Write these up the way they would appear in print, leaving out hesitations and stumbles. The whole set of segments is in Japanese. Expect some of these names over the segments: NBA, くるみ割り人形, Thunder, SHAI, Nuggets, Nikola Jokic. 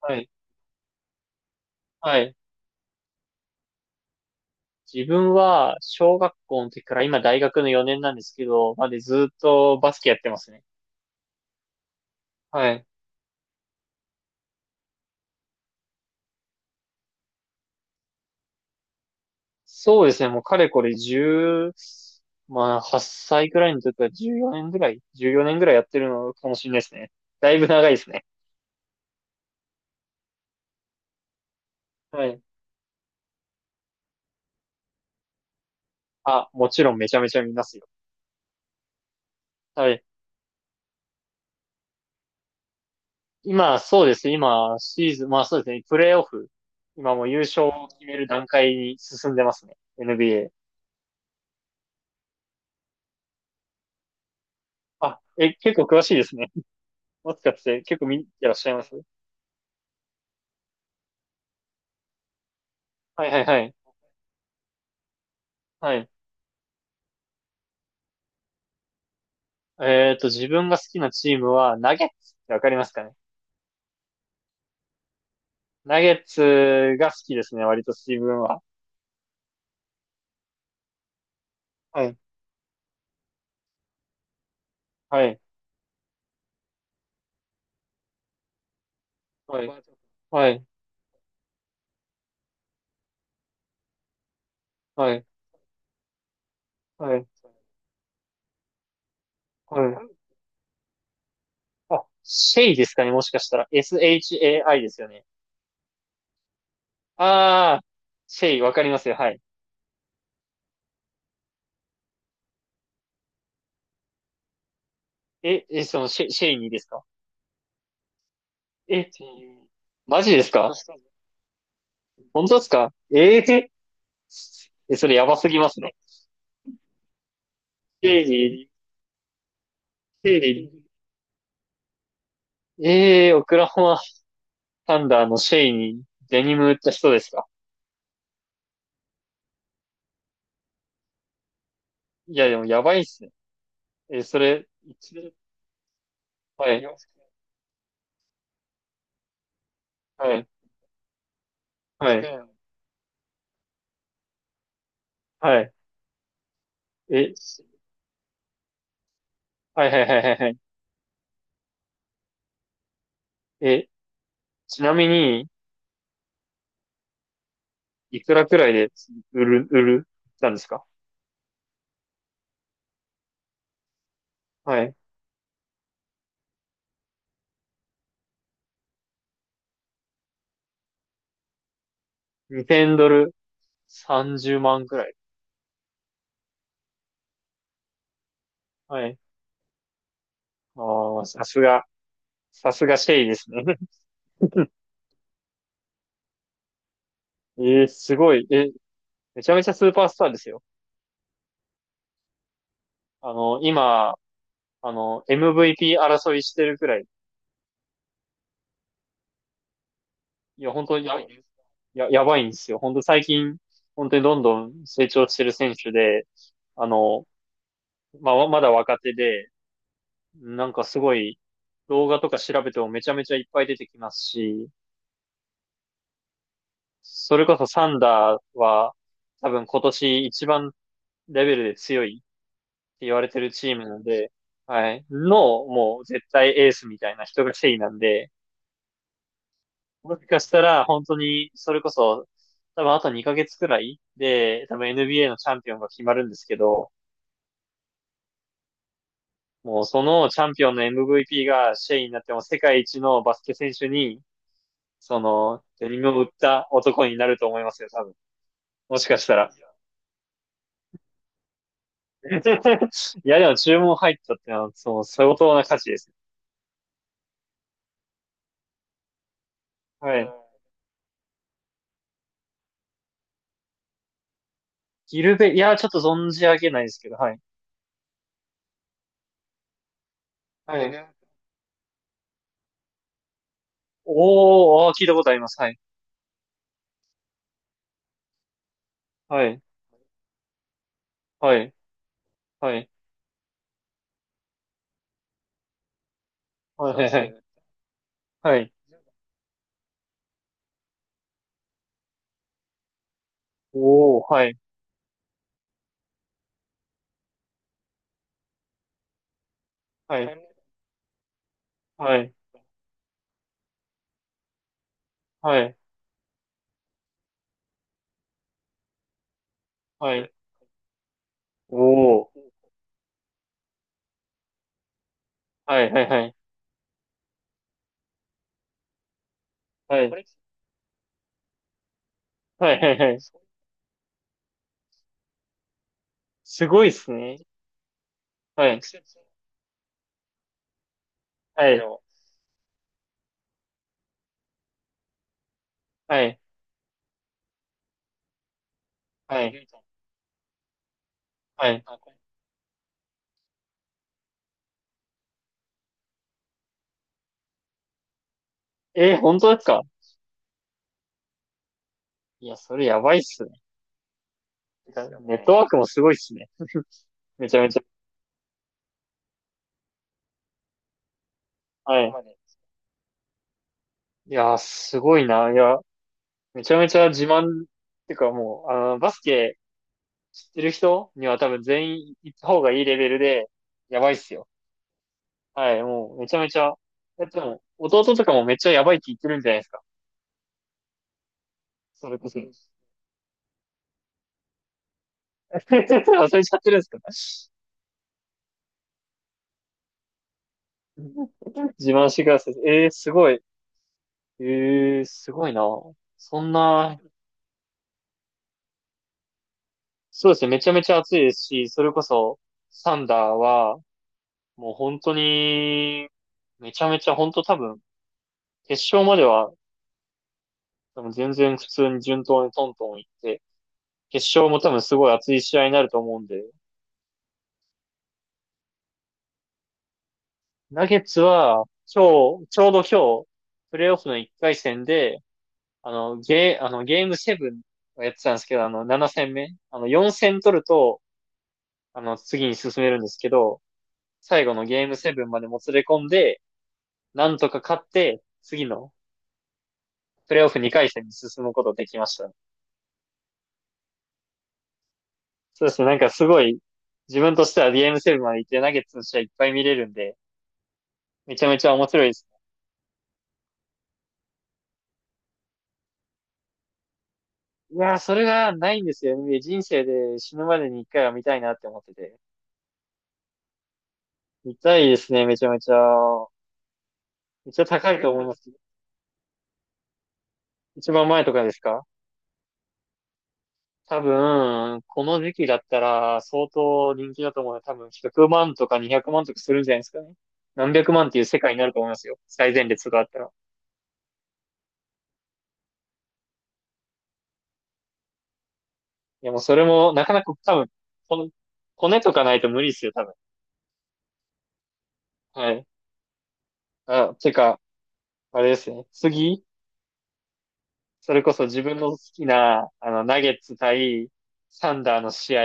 はい。はい。自分は、小学校の時から今大学の4年なんですけど、までずっとバスケやってますね。はい。そうですね。もうかれこれ1まあ8歳くらいの時は14 年ぐらいやってるのかもしれないですね。だいぶ長いですね。はい。あ、もちろんめちゃめちゃ見ますよ。はい。今、そうですね。今、シーズン、まあそうですね。プレイオフ。今もう優勝を決める段階に進んでますね。NBA。あ、え、結構詳しいですね。もしかして結構見てらっしゃいます？はいはいはい。はい。自分が好きなチームは、ナゲッツってわかりますかね？ナゲッツが好きですね、割と自分は。はい。はい。はい。はい。はい。はい。はい。あ、シェイですかね、もしかしたら。SHAI ですよね。ああ、シェイ、わかりますよ。はい。シェイにですか？え、マジですか？本当ですか？えええ、それやばすぎますね。シェイに、シェイにええー、オクラホマサンダーのシェイにデニム売った人ですか？いや、でもやばいっすね。それ、一年、はい、はい、はい、はい。え、はいはいはいはいはい。え、ちなみに、いくらくらいで売る、売る、たんですか？はい。2000ドル30万くらい。はい。ああ、さすが、さすがシェイですね。すごい。めちゃめちゃスーパースターですよ。今、MVP 争いしてるくらい。いや、本当にやばいんですよ。本当最近、本当にどんどん成長してる選手で、あの、まあ、まだ若手で、なんかすごい、動画とか調べてもめちゃめちゃいっぱい出てきますし、それこそサンダーは、多分今年一番レベルで強いって言われてるチームなんで、はい、の、もう絶対エースみたいな人がセイなんで、もしかしたら、本当に、それこそ、多分あと2ヶ月くらいで、多分 NBA のチャンピオンが決まるんですけど、もうそのチャンピオンの MVP がシェイになっても世界一のバスケ選手に、その、デニムを売った男になると思いますよ、多分。もしかしたら。いや、でも注文入ったってのは、その、相当な価値です。はい。ギルベ、いや、ちょっと存じ上げないですけど、はい。はい。ねおー、あー聞いたことあります。はい。はい。はい。はい。はい。はい。ねはい。おおはい、はい、はい、はい、はい、おおはい、はい、はい、はい、はい、はい、はい。すごいっすね。はい、はい、はい、はい、はい。えー、本当ですか？いや、それやばいっすね。ネッねトワークもすごいっすね。めちゃめちゃ。はい。いやー、すごいな。いや、めちゃめちゃ自慢、ってかもう、バスケ知ってる人には多分全員行った方がいいレベルで、やばいっすよ。はい、もうめちゃめちゃ。でも、弟とかもめっちゃやばいって言ってるんじゃないですか。それこそ。忘れちゃってるんですか？自慢してください。すごい。えすごいな。そんな、そうですね、めちゃめちゃ暑いですし、それこそ、サンダーは、もう本当に、めちゃめちゃ本当多分、決勝までは、多分全然普通に順当にトントン行って、決勝も多分すごい熱い試合になると思うんで、ナゲッツは、今日、ちょうど今日、プレイオフの1回戦で、ゲームセブンをやってたんですけど、7戦目、4戦取ると、次に進めるんですけど、最後のゲームセブンまでもつれ込んで、なんとか勝って、次のプレイオフ2回戦に進むことできましたね。そうですね、なんかすごい、自分としてはゲームセブンまで行ってナゲッツの試合いっぱい見れるんで、めちゃめちゃ面白いですね。いやー、それがないんですよね。人生で死ぬまでに一回は見たいなって思ってて。見たいですね、めちゃめちゃ。めっちゃ高いと思います。一番前とかですか？多分、この時期だったら相当人気だと思うので、多分100万とか200万とかするんじゃないですかね。何百万っていう世界になると思いますよ。最前列があったら。いや、もうそれも、なかなか多分、この、骨とかないと無理ですよ、多分。はい。あ、てか、あれですね。次、それこそ自分の好きな、ナゲッツ対サンダーの試合、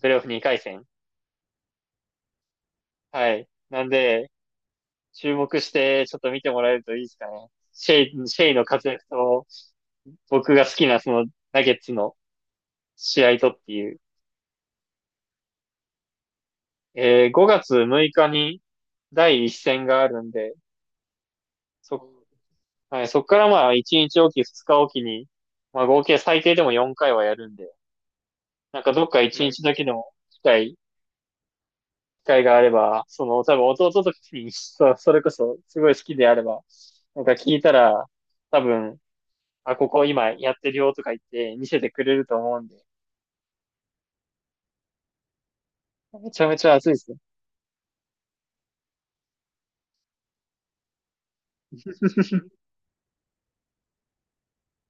プレイオフ2回戦。はい。なんで、注目して、ちょっと見てもらえるといいですかね。シェイの活躍と、僕が好きなそのナゲッツの試合とっていう。5月6日に第一戦があるんで、そ、はい、そっからまあ1日おき、2日おきに、まあ合計最低でも4回はやるんで、なんかどっか1日だけでも機会があれば、多分弟ときに、それこそすごい好きであれば、なんか聞いたら、多分あ、ここ今やってるよとか言って見せてくれると思うんで、めちゃめちゃ熱いですね。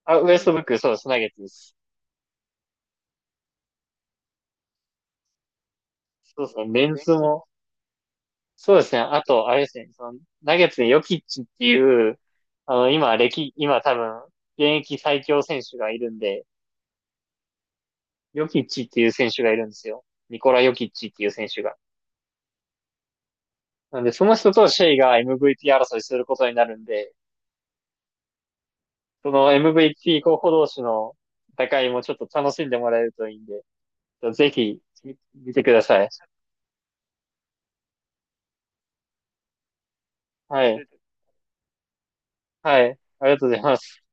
あ、ウエストブック、そうです、ナゲッツです。そうですね、メンツも、そうですね、あと、あれですね、ナゲッツでヨキッチっていう、今多分、現役最強選手がいるんで、ヨキッチっていう選手がいるんですよ。ニコラ・ヨキッチっていう選手が。なんで、その人とシェイが MVP 争いすることになるんで、その MVT 候補同士の戦いもちょっと楽しんでもらえるといいんで、ぜひ見てください。はい。はい。ありがとうございます。